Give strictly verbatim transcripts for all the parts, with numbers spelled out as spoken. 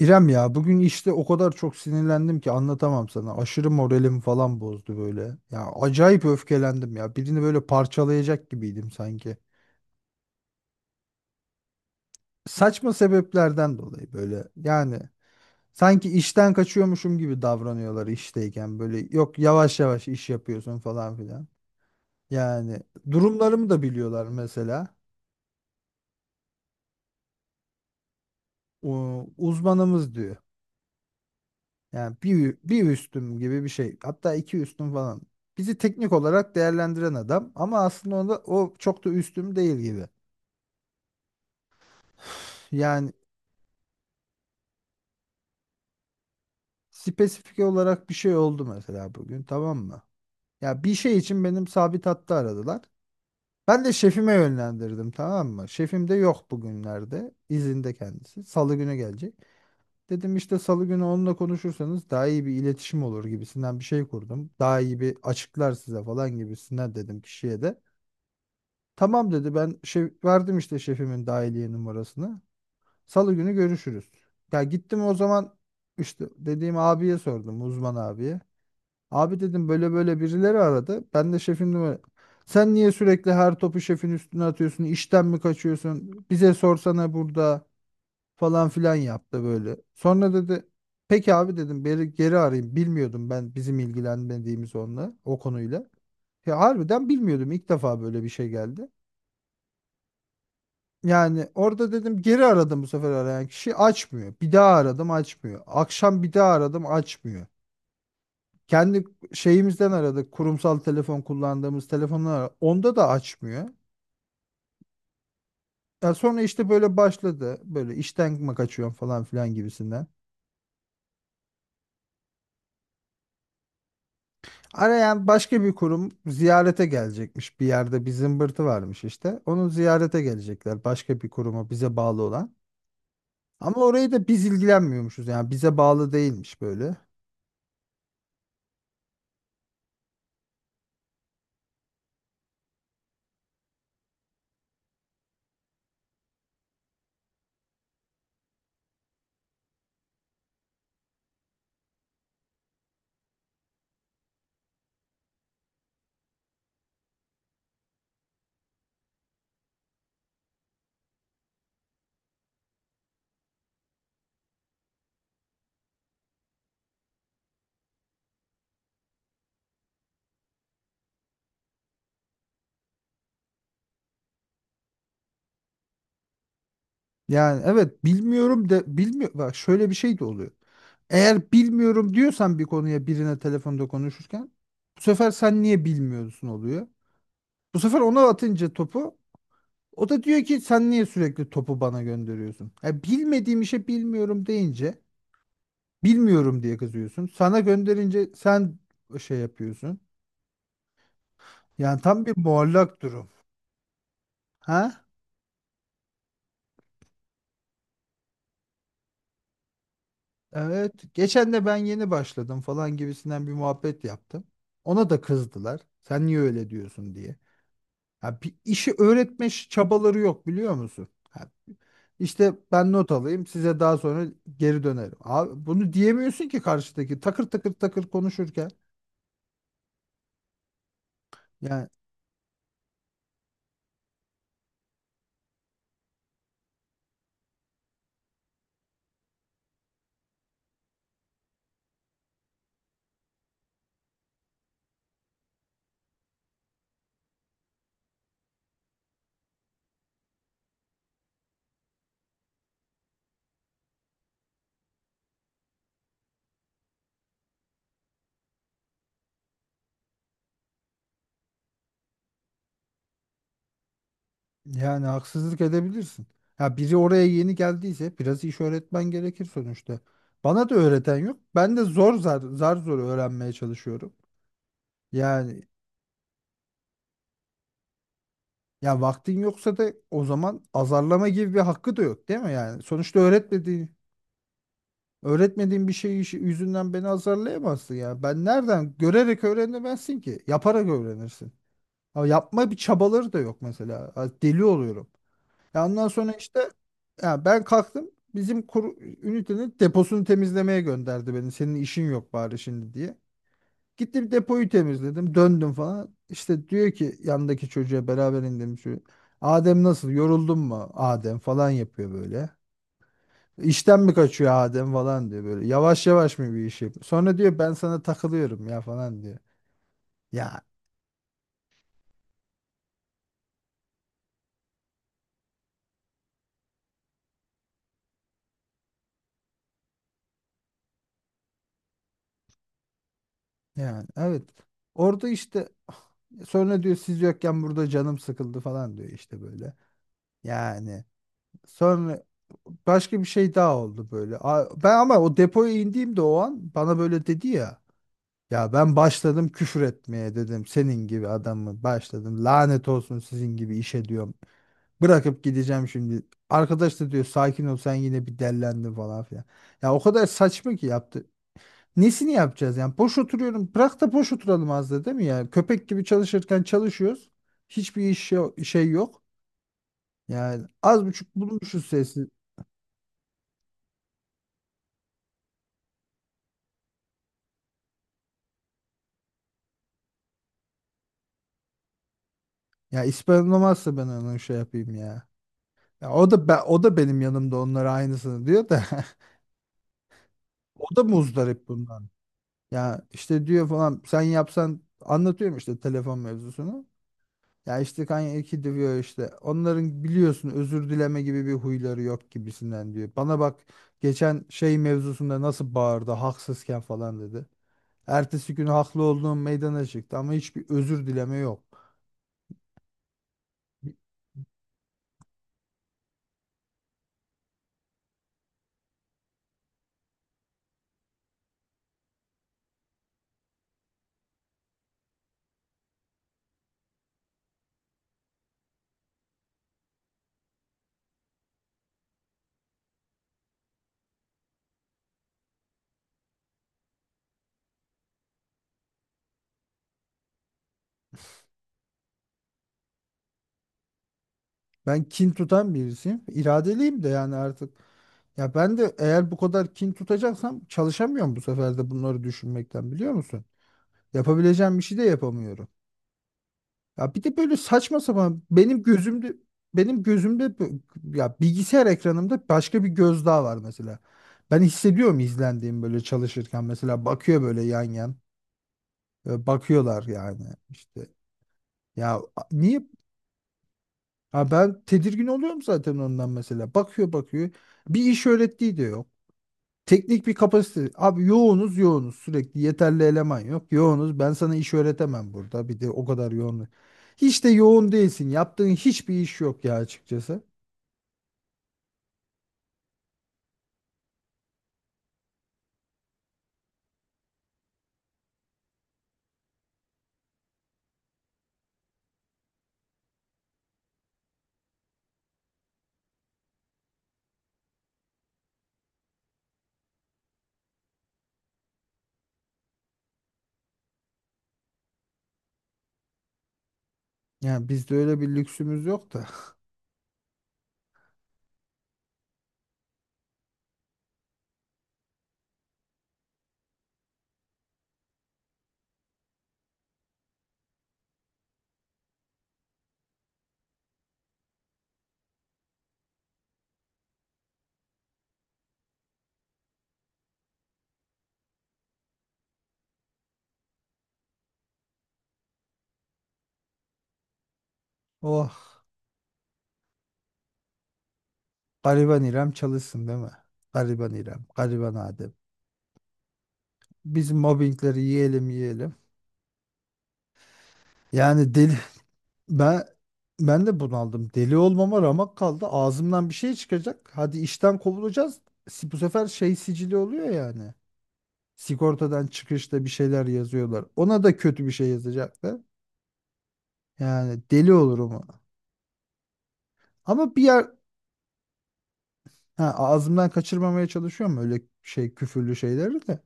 İrem ya bugün işte o kadar çok sinirlendim ki anlatamam sana. Aşırı moralim falan bozdu böyle. Ya acayip öfkelendim ya. Birini böyle parçalayacak gibiydim sanki. Saçma sebeplerden dolayı böyle. Yani sanki işten kaçıyormuşum gibi davranıyorlar işteyken böyle. Yok yavaş yavaş iş yapıyorsun falan filan. Yani durumlarımı da biliyorlar mesela. O, uzmanımız diyor. Yani bir, bir üstüm gibi bir şey. Hatta iki üstüm falan. Bizi teknik olarak değerlendiren adam ama aslında onda o çok da üstüm değil gibi. Yani spesifik olarak bir şey oldu mesela bugün, tamam mı? Ya bir şey için benim sabit hattı aradılar. Ben de şefime yönlendirdim, tamam mı? Şefim de yok bugünlerde. İzinde kendisi. Salı günü gelecek. Dedim işte salı günü onunla konuşursanız daha iyi bir iletişim olur gibisinden bir şey kurdum. Daha iyi bir açıklar size falan gibisinden dedim kişiye de. Tamam dedi, ben şef verdim işte şefimin dahiliye numarasını. Salı günü görüşürüz. Ya gittim o zaman işte dediğim abiye sordum, uzman abiye. Abi dedim, böyle böyle birileri aradı. Ben de şefin numara. Sen niye sürekli her topu şefin üstüne atıyorsun? İşten mi kaçıyorsun? Bize sorsana burada, falan filan yaptı böyle. Sonra dedi peki abi, dedim beri, geri arayayım. Bilmiyordum ben, bizim ilgilenmediğimiz onunla, o konuyla. Ya harbiden bilmiyordum, ilk defa böyle bir şey geldi. Yani orada dedim geri aradım, bu sefer arayan kişi açmıyor. Bir daha aradım, açmıyor. Akşam bir daha aradım, açmıyor. Kendi şeyimizden aradık. Kurumsal telefon kullandığımız telefonlar aradık. Onda da açmıyor. Ya sonra işte böyle başladı. Böyle işten mi kaçıyorum falan filan gibisinden. Arayan başka bir kurum, ziyarete gelecekmiş. Bir yerde bir zımbırtı varmış işte. Onun ziyarete gelecekler. Başka bir kuruma bize bağlı olan. Ama orayı da biz ilgilenmiyormuşuz. Yani bize bağlı değilmiş böyle. Yani evet bilmiyorum de, bilmiyor. Bak şöyle bir şey de oluyor. Eğer bilmiyorum diyorsan bir konuya, birine telefonda konuşurken, bu sefer sen niye bilmiyorsun oluyor. Bu sefer ona atınca topu, o da diyor ki sen niye sürekli topu bana gönderiyorsun? Ya bilmediğim işe bilmiyorum deyince, bilmiyorum diye kızıyorsun. Sana gönderince sen şey yapıyorsun. Yani tam bir muallak durum. Ha? Evet, geçen de ben yeni başladım falan gibisinden bir muhabbet yaptım. Ona da kızdılar. Sen niye öyle diyorsun diye. Ha, bir işi öğretme ş- çabaları yok, biliyor musun? Ha, işte ben not alayım, size daha sonra geri dönerim. Abi bunu diyemiyorsun ki karşıdaki takır takır takır konuşurken. Yani, yani haksızlık edebilirsin. Ya biri oraya yeni geldiyse biraz iş öğretmen gerekir sonuçta. Bana da öğreten yok. Ben de zor zar, zar zor öğrenmeye çalışıyorum. Yani. Ya vaktin yoksa da o zaman azarlama gibi bir hakkı da yok, değil mi yani? Sonuçta öğretmediğin, öğretmediğin bir şey işi- yüzünden beni azarlayamazsın ya. Ben nereden görerek öğrenemezsin ki? Yaparak öğrenirsin. Ama yapma bir çabaları da yok mesela. Ha, deli oluyorum. Ya ondan sonra işte, ya ben kalktım bizim kur, ünitenin deposunu temizlemeye gönderdi beni. Senin işin yok bari şimdi diye. Gittim depoyu temizledim. Döndüm falan. İşte diyor ki yandaki çocuğa, beraber indiğim çocuğa. Adem nasıl? Yoruldun mu? Adem falan yapıyor böyle. İşten mi kaçıyor Adem falan diyor böyle. Yavaş yavaş mı bir iş yapıyor? Sonra diyor ben sana takılıyorum ya falan diyor. Ya yani evet. Orada işte, sonra diyor siz yokken burada canım sıkıldı falan diyor işte böyle. Yani sonra başka bir şey daha oldu böyle. A- Ben ama o depoya indiğimde o an bana böyle dedi ya. Ya ben başladım küfür etmeye, dedim senin gibi adamı başladım. Lanet olsun sizin gibi işe, diyorum. Bırakıp gideceğim şimdi. Arkadaş da diyor sakin ol, sen yine bir dellendin falan filan. Ya o kadar saçma ki yaptı. Nesini yapacağız yani? Boş oturuyorum. Bırak da boş oturalım az da, değil mi ya? Köpek gibi çalışırken çalışıyoruz. Hiçbir iş yo- şey yok. Yani az buçuk bulmuşuz sesi. Ya ispanlamazsa ben onun şey yapayım ya. Ya o da be- o da benim yanımda onlara aynısını diyor da o da muzdarip bundan. Ya işte diyor falan sen yapsan, anlatıyorum işte telefon mevzusunu. Ya işte Kanye diyor, işte onların biliyorsun özür dileme gibi bir huyları yok gibisinden diyor. Bana bak, geçen şey mevzusunda nasıl bağırdı haksızken falan dedi. Ertesi gün haklı olduğum meydana çıktı ama hiçbir özür dileme yok. Ben kin tutan birisiyim. İradeliyim de yani artık. Ya ben de eğer bu kadar kin tutacaksam çalışamıyorum bu sefer de, bunları düşünmekten, biliyor musun? Yapabileceğim bir şey de yapamıyorum. Ya bir de böyle saçma sapan benim gözümde benim gözümde bu- ya bilgisayar ekranımda başka bir göz daha var mesela. Ben hissediyorum izlendiğim böyle çalışırken, mesela bakıyor böyle yan yan. Böyle bakıyorlar yani işte. Ya a- niye? Ha, ben tedirgin oluyorum zaten ondan mesela. Bakıyor bakıyor. Bir iş öğrettiği de yok. Teknik bir kapasite. Abi yoğunuz yoğunuz. Sürekli yeterli eleman yok. Yoğunuz. Ben sana iş öğretemem burada. Bir de o kadar yoğun. Hiç de yoğun değilsin. Yaptığın hiçbir iş yok ya açıkçası. Yani bizde öyle bir lüksümüz yok da. Oh. Gariban İrem çalışsın, değil mi? Gariban İrem. Gariban Adem. Biz mobbingleri yiyelim yiyelim. Yani deli. Ben ben de bunaldım. Deli olmama ramak kaldı. Ağzımdan bir şey çıkacak. Hadi işten kovulacağız. Si- Bu sefer şey sicili oluyor yani. Sigortadan çıkışta bir şeyler yazıyorlar. Ona da kötü bir şey yazacaklar. Yani deli olurum ona. Ama bir yer, ha, ağzımdan kaçırmamaya çalışıyorum öyle şey küfürlü şeyleri de.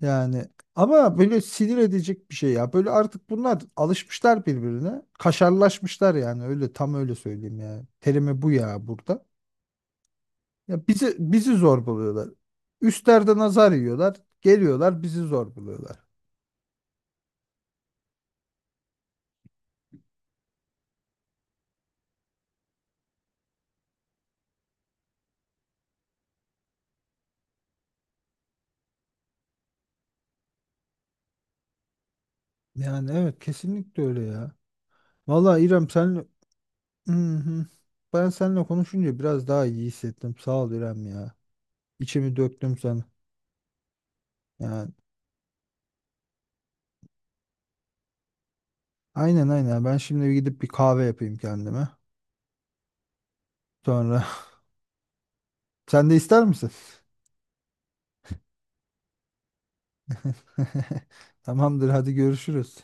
Yani ama böyle sinir edecek bir şey ya. Böyle artık bunlar alışmışlar birbirine. Kaşarlaşmışlar yani, öyle tam öyle söyleyeyim yani. Terimi bu ya burada. Ya bizi bizi zor buluyorlar. Üstlerde nazar yiyorlar. Geliyorlar bizi zor buluyorlar. Yani evet, kesinlikle öyle ya. Vallahi İrem, sen ben seninle konuşunca biraz daha iyi hissettim. Sağ ol İrem ya. İçimi döktüm sana. Yani aynen aynen. Ben şimdi bir gidip bir kahve yapayım kendime. Sonra sen de ister misin? Tamamdır, hadi görüşürüz.